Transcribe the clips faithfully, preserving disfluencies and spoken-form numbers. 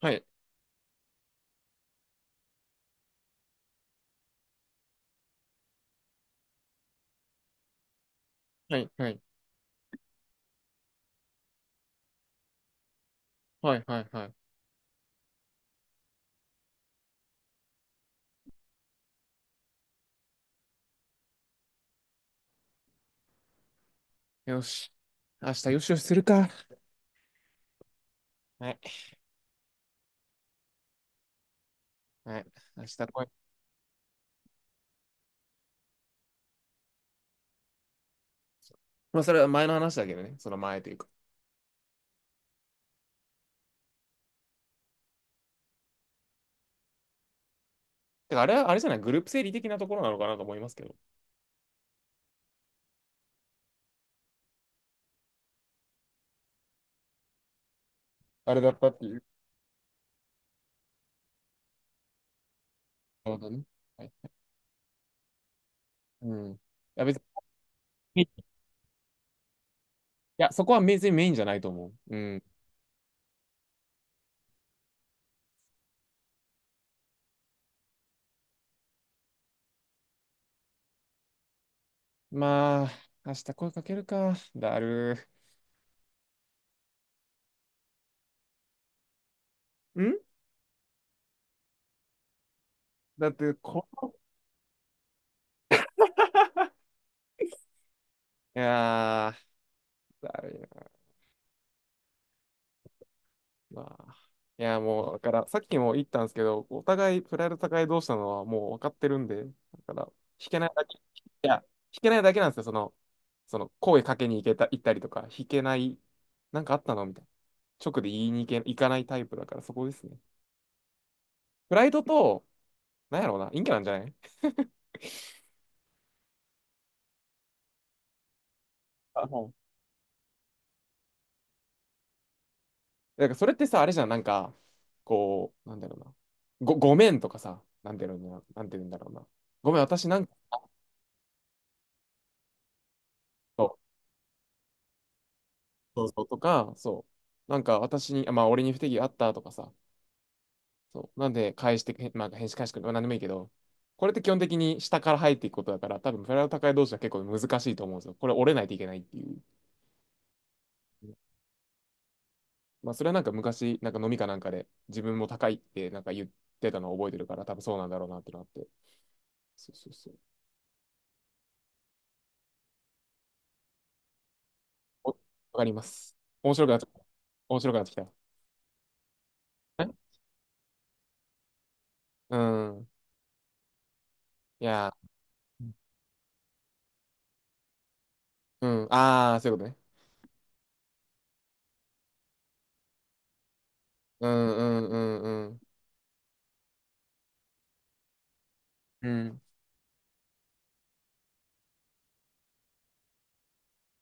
はい。はい。はい。はい。はい。はい。よし。明日よしよしするか。はい。はい。明日来い。まあ、それは前の話だけどね。その前というか。てか、あれは、あれじゃない、グループ整理的なところなのかなと思いますけど。あれだったっていう。なるほどね。はい。うん。いや、別に、いや、そこは別にメインじゃないと思う。うん。まあ、明日声かけるか。だるー。んだって、この、いやー、だるい。まあ、いや、もう、だから、さっきも言ったんですけど、お互い、プライド高い同士なのはもう分かってるんで、だから、引けないだけ、いや、引けないだけなんですよ、その、その、声かけに行けた、行ったりとか、引けない、なんかあったのみたいな。直で言いに行け、行かないタイプだから、そこですね。プライドと、なんやろうな、陰キャなんじゃない？ あ、はい。だから、それってさ、あれじゃん、なんか、こう、なんだろうな、ご、ごめんとかさ、なんていうんだろうな、なんていうんだろうな、ごめん、私なんか、そうそうとか、そう。なんか私に、あ、まあ俺に不手際あったとかさ。そう。なんで返してく、まあ返し返してくれ、まあ何でもいいけど、これって基本的に下から入っていくことだから、多分フライド高い同士は結構難しいと思うんですよ。これ折れないといけないっていう。まあそれはなんか昔、なんか飲みかなんかで自分も高いってなんか言ってたのを覚えてるから、多分そうなんだろうなってのがあって。そうそうそう。おわかります。面白くなってきた。面白くなってきた。え、うん。いや、うん。ああ、そういうことね。うんうんうんうん。うん、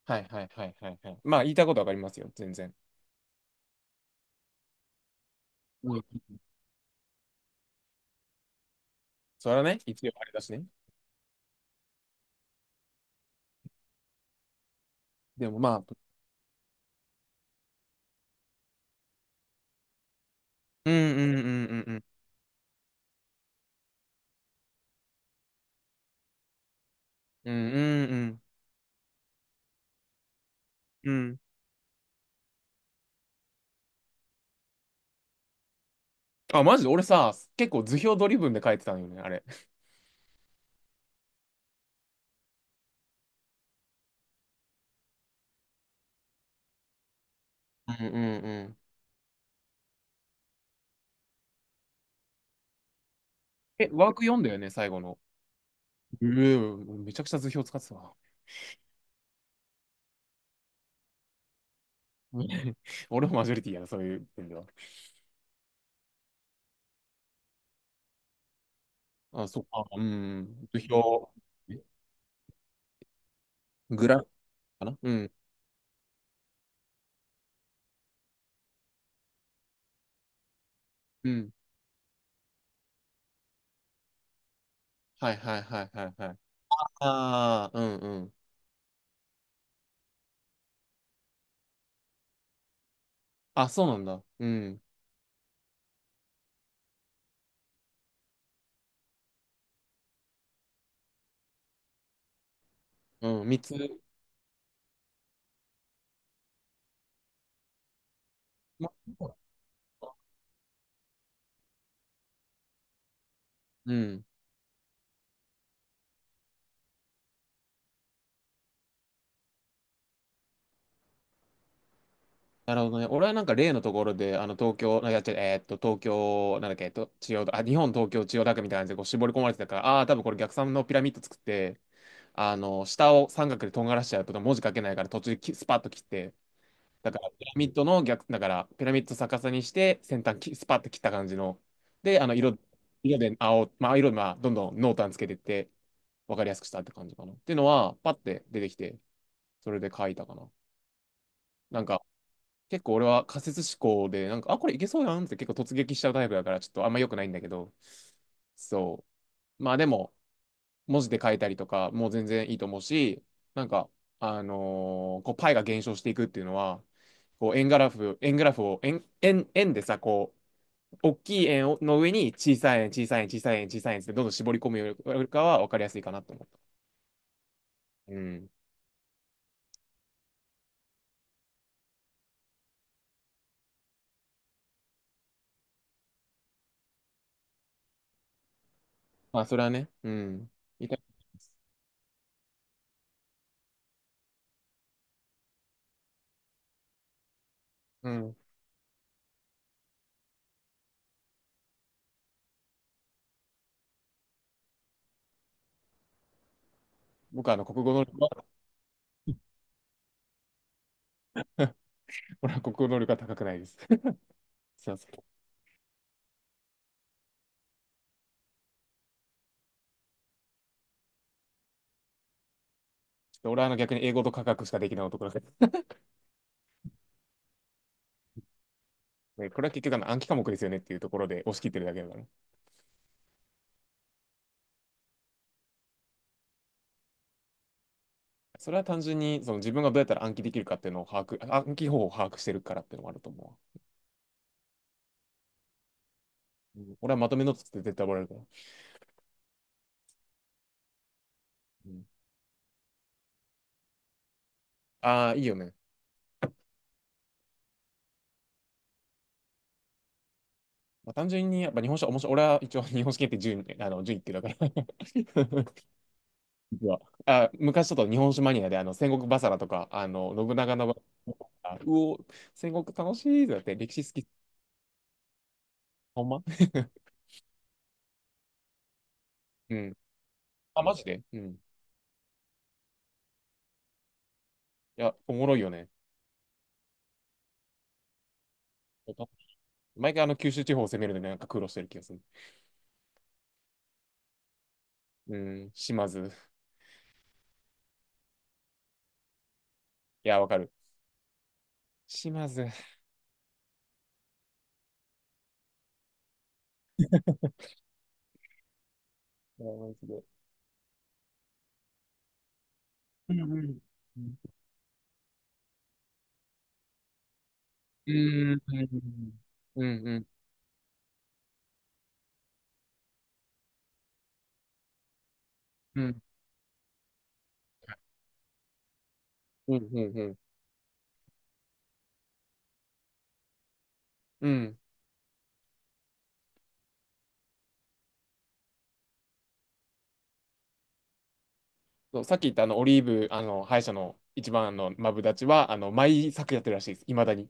はいはいはいはいはい。まあ言いたいことわかりますよ、全然。うん、それはね、一応あれだしね。でもまあ、うんうんうんうんうんうんうんうんうんうん。あ、マジで俺さ、結構図表ドリブンで書いてたのよね、あれ。うんうんうん。え、ワーク読んだよね、最後の。うん、めちゃくちゃ図表使ってたわ。うん。 俺もマジョリティやな、そういう点では。あ、そっか。うん、図表。え、グラフかな、うんうん。はいはいはいはいはい。ああ、うんうん。あ、そうなんだ。うん。うん、三つ、まうん。なるほどね。俺はなんか例のところで、あの、東京、なんか、えーっと、東京、なんだっけ、えっと、千代田、あ、日本、東京、千代田区みたいな感じでこう絞り込まれてたから、ああー、多分これ逆三のピラミッド作って、あの、下を三角でとんがらしちゃうと文字書けないから途中できスパッと切って、だからピラミッドの逆、だからピラミッド逆さにして先端きスパッと切った感じの、で、あの、色、色で青、まあ、色で、まあ、どんどん濃淡つけていって、わかりやすくしたって感じかな。っていうのは、パッて出てきて、それで書いたかな。なんか、結構俺は仮説思考で、なんか、あ、これいけそうやんって結構突撃しちゃうタイプだから、ちょっとあんま良くないんだけど、そう。まあでも、文字で書いたりとか、もう全然いいと思うし、なんか、あのーこう、パイが減少していくっていうのは、こう、円グラフ、円グラフを、円、円、円でさ、こう、大きい円をの上に小さい円、小さい円、小さい円、小さい円ってどんどん絞り込むよりかは分かりやすいかなと思った。うん。まあ、それはね、うん。いた、うん。僕はあの、国語能力は、俺は国語能力は高くないです。そうそう。で俺はあの逆に英語と科学しかできない男だから、でこれは結局あの暗記科目ですよねっていうところで押し切ってるだけだからね。それは単純にその自分がどうやったら暗記できるかっていうのを把握、暗記方法を把握してるからっていうのもあると思うわ。うん、俺はまとめのつって絶対覚えられるから。うん、ああ、いいよね。まあ、単純にやっぱ日本史は面白い。俺は一応日本史系って順、あの順位ってだから。 実は。あ、昔ちょっと日本史マニアであの戦国バサラとか、あの信長の、あうお、戦国楽しいってなって歴史好き。ほんま。 うん。あ、マジで、うん。いや、おもろいよね。毎回あの九州地方を攻めるのになんか苦労してる気がする。うん、島津。いや、わかる。島津。いや、マジで、うんうんうんうんうんうんうんうんうんうん。そうさっき言ったあのオリーブあの歯医者の一番のマブダチはあの毎作やってるらしいです。いまだに。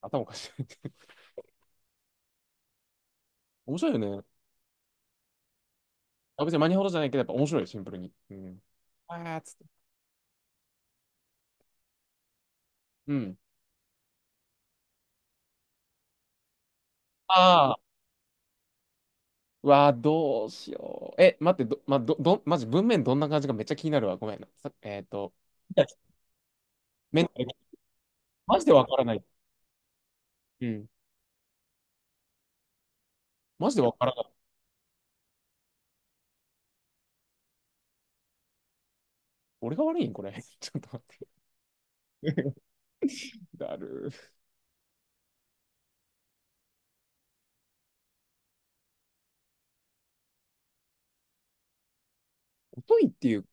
頭おかしい。面白いよね。あ、別にマニほどじゃないけどやっぱ面白い、シンプルに。うん。あーっつって。うん。ああ。うわー、どうしよう。え、待って、ど、まど、ど、マジ文面どんな感じかめっちゃ気になるわ。ごめんな。さ、えっと、いや、メンタル、マジでわからない。うん。マジでわからない。俺が悪いんこれ。ちょっと待って。だるー。遅いっていう、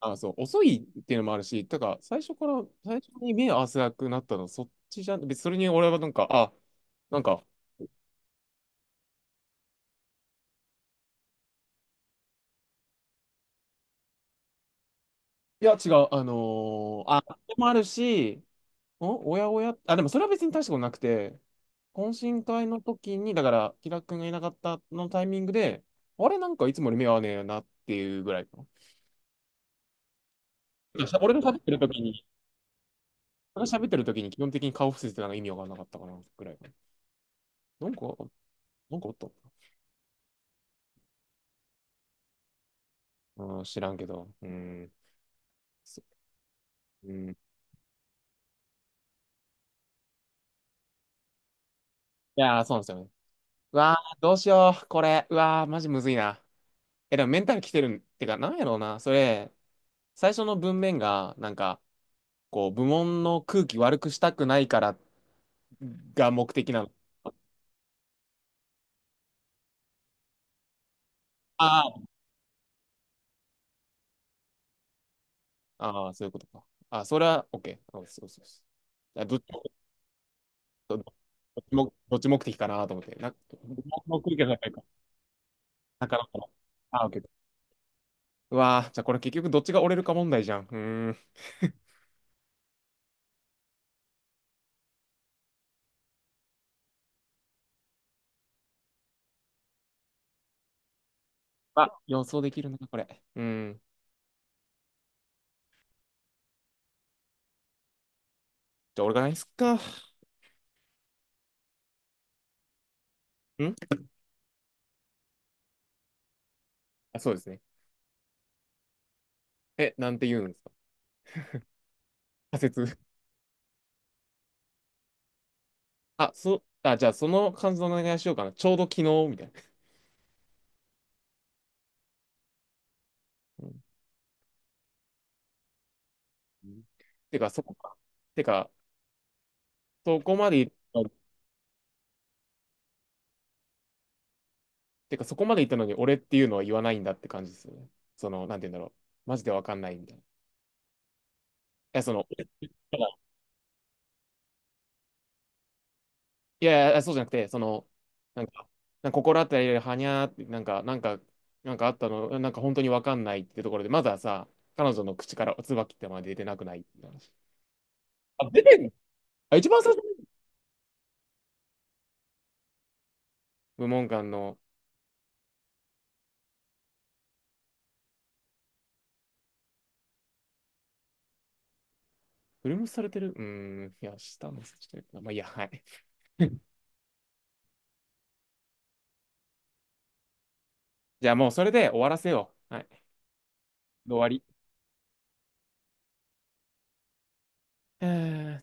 あ、そう、遅いっていうのもあるし、だから最初から、最初に目合わせなくなったの、そっちじゃん。別にそれに俺はなんか、あ、なんか、いや、違う、あのーあ、でもあるし、お、おやおや、あ、でもそれは別に大したことなくて、懇親会の時に、だから、キラ君がいなかったのタイミングで、あれなんかいつもより目合わねえよなっていうぐらいかな。いやしゃ、俺が喋ってる時に、俺が喋ってる時に基本的に顔伏せてたのが意味わかんなかったかなぐらいかな。なんか、なんかおったのかな、うん、知らんけど。うん。そ、うん。いやー、そうなんですよね。うわー、どうしよう、これ。うわー、マジむずいな。え、でもメンタル来てるんってか、なんやろうな。それ、最初の文面が、なんか、こう、部門の空気悪くしたくないからが目的なの？あー、あー、そういうことか。あ、それは OK。そうそうそうそう、あ、どっちも、どっちも、どっち目的かなと思って。なんか、部門の空気がないか。なかなか。あー、OK。うわー、じゃあこれ結局どっちが折れるか問題じゃん。うーん。あ、予想できるな、これ。うん。じゃあ、俺がないっすか。ん、あ、そうですね。え、なんて言うんですか？仮説。あ、そう、あ、じゃあ、その感想お願いしようかな。ちょうど昨日、みたいな。うんうん、てか、そこか。てか、そこまでい、てか、そこまで言ったのに俺っていうのは言わないんだって感じですよね。その、なんて言うんだろう。マジでわかんないみたいな。いや、その、いやいや、そうじゃなくて、その、なんか、なんか心当たりではにゃーって、なんか、なんか、なんかあったの、なんか本当にわかんないってところで、まずはさ、彼女の口から椿ってまで出てなくないって話。あ、出てんの？あ、一番最初に、部門間の、フルムスされてるうーん、いや、下の、ちょっとまあ、いいや、はい。じゃあもうそれで終わらせよう。はい。で、終わり。えー、ちょ